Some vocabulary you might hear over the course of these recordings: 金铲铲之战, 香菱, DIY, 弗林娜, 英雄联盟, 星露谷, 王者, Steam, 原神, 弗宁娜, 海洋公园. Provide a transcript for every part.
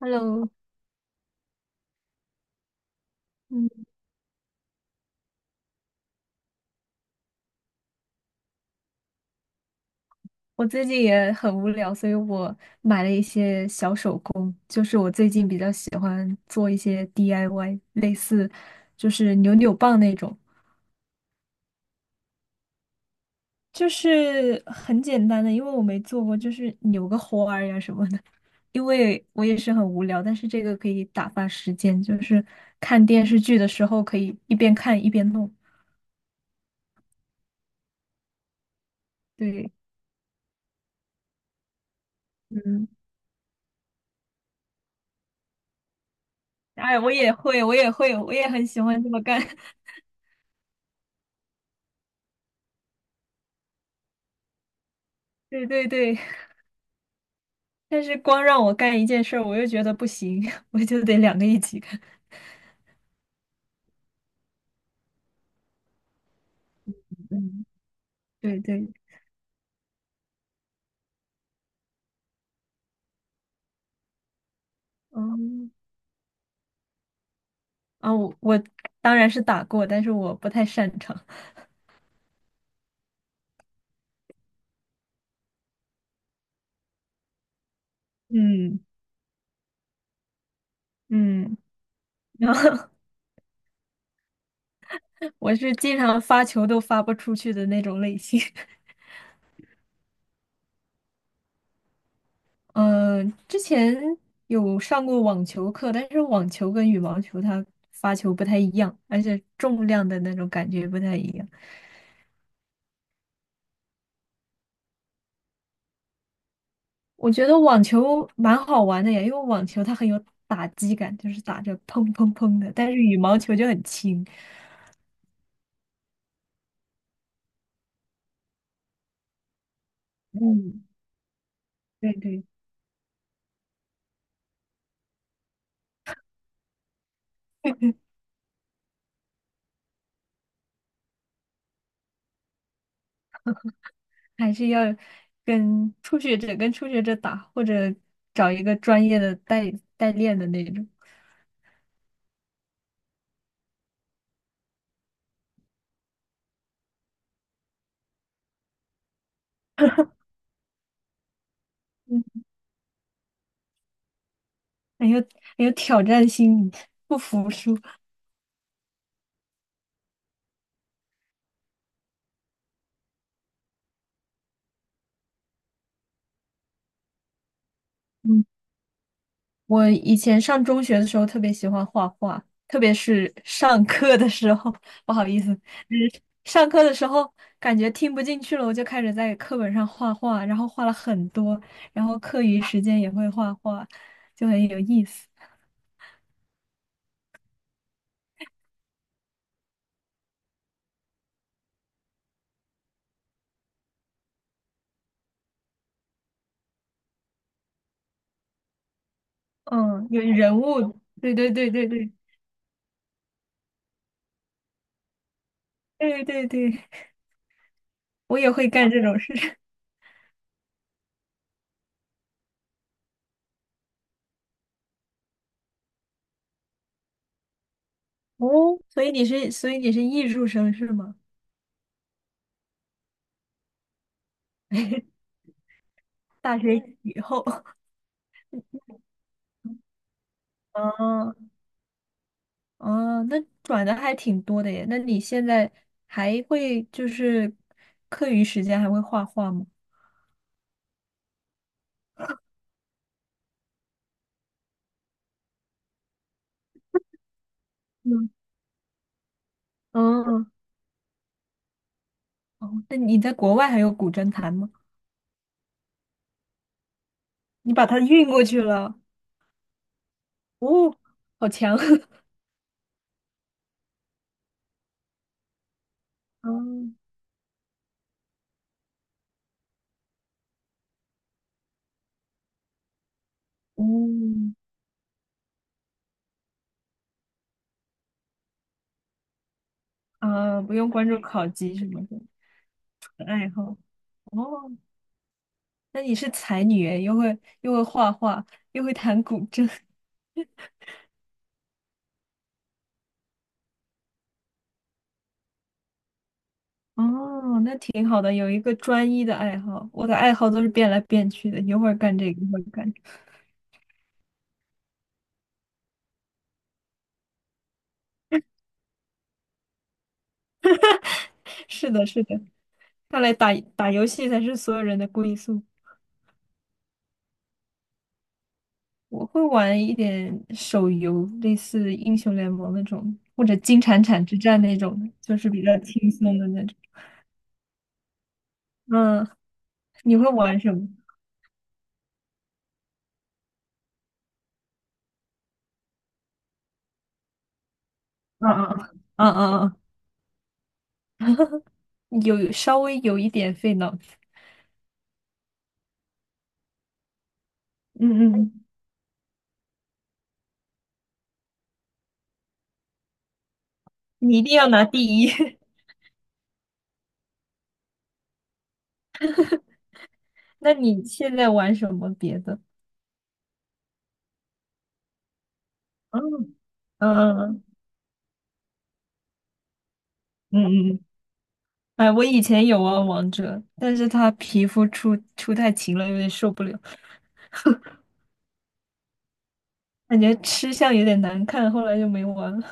Hello，嗯，我最近也很无聊，所以我买了一些小手工，就是我最近比较喜欢做一些 DIY，类似就是扭扭棒那种，就是很简单的，因为我没做过，就是扭个花儿呀什么的。因为我也是很无聊，但是这个可以打发时间，就是看电视剧的时候可以一边看一边弄。对，嗯，哎，我也很喜欢这么干。对对对。但是光让我干一件事儿，我又觉得不行，我就得两个一起干。嗯，对对，嗯，啊，我当然是打过，但是我不太擅长。嗯嗯，然后 我是经常发球都发不出去的那种类型。嗯，之前有上过网球课，但是网球跟羽毛球它发球不太一样，而且重量的那种感觉不太一样。我觉得网球蛮好玩的呀，因为网球它很有打击感，就是打着砰砰砰的，但是羽毛球就很轻。嗯，对对，还是要跟初学者打，或者找一个专业的代练的那种，嗯，很有很有挑战心理，不服输。嗯。我以前上中学的时候特别喜欢画画，特别是上课的时候，不好意思，就是上课的时候感觉听不进去了，我就开始在课本上画画，然后画了很多，然后课余时间也会画画，就很有意思。嗯，有人物，对对对对对对对对，我也会干这种事。哦，所以你是艺术生是吗？大学以后，哦哦，那转的还挺多的耶。那你现在还会就是课余时间还会画画吗？嗯，哦，哦，那你在国外还有古筝弹吗？你把它运过去了，哦，好强！哦，嗯，啊，不用关注考级什么的，纯爱好。哦，那你是才女诶，又会画画，又会弹古筝。哦，那挺好的，有一个专一的爱好。我的爱好都是变来变去的，一会儿干这个。一会儿干是的，是的，看来打打游戏才是所有人的归宿。我会玩一点手游，类似英雄联盟那种，或者金铲铲之战那种的就是比较轻松的那种。嗯，你会玩什么？嗯嗯嗯嗯嗯，有稍微有一点费脑子。嗯嗯，你一定要拿第一。那你现在玩什么别的？嗯嗯嗯嗯嗯，哎，我以前有玩王者，但是他皮肤出太勤了，有点受不了。感觉吃相有点难看，后来就没玩了。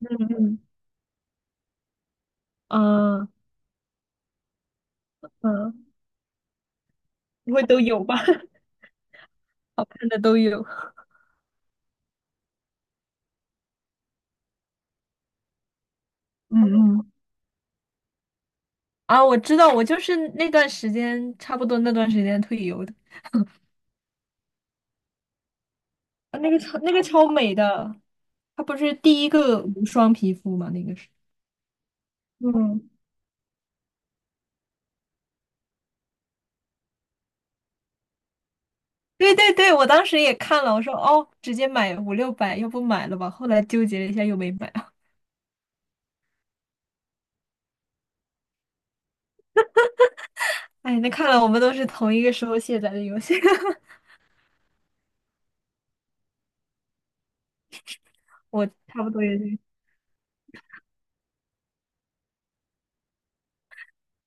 嗯嗯，啊，嗯，不会都有吧？看的都有。嗯嗯，啊，我知道，我就是那段时间，差不多那段时间退游的。啊，那个超美的，它不是第一个无双皮肤吗？那个是。嗯，对对对，我当时也看了，我说哦，直接买五六百，要不买了吧？后来纠结了一下，又没买。哎，那看来我们都是同一个时候卸载的游戏，我差不多也是。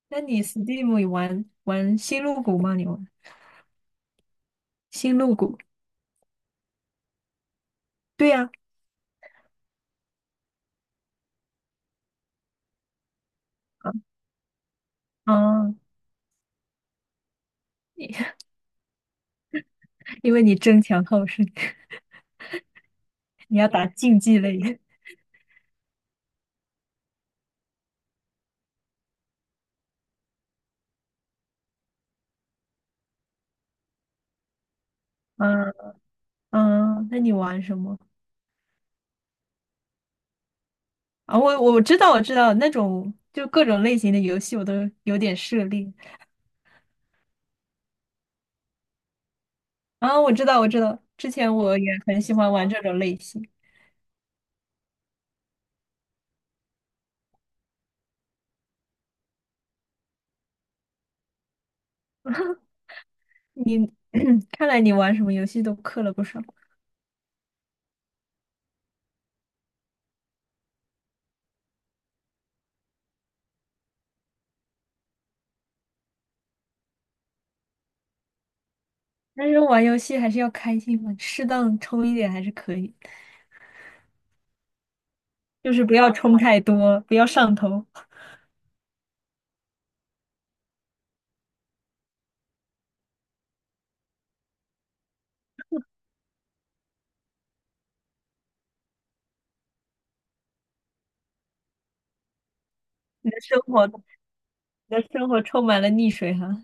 那你 Steam 有玩玩星露谷吗？你玩星露谷？对呀，啊，啊你 因为你争强好胜，你要打竞技类。嗯嗯，那你玩什么啊？我知道那种就各种类型的游戏我都有点涉猎啊。我知道，我知道，之前我也很喜欢玩这种类型。你 看来你玩什么游戏都氪了不少，但是玩游戏还是要开心嘛，适当充一点还是可以的，就是不要充太多，不要上头。你的生活充满了溺水哈！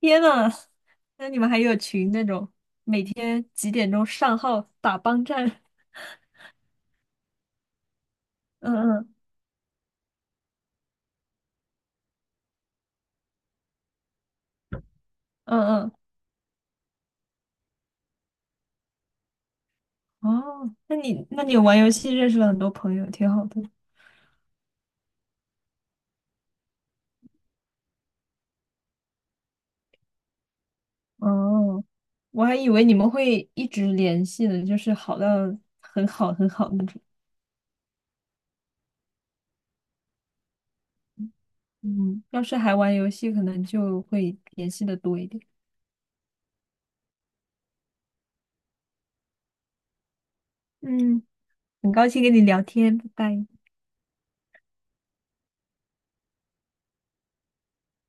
天呐，那你们还有群那种每天几点钟上号打帮战？嗯嗯嗯嗯，哦，那你玩游戏认识了很多朋友，挺好的。哦，我还以为你们会一直联系呢，就是好到很好很好那种。嗯，要是还玩游戏，可能就会联系的多一点。嗯，很高兴跟你聊天，拜拜。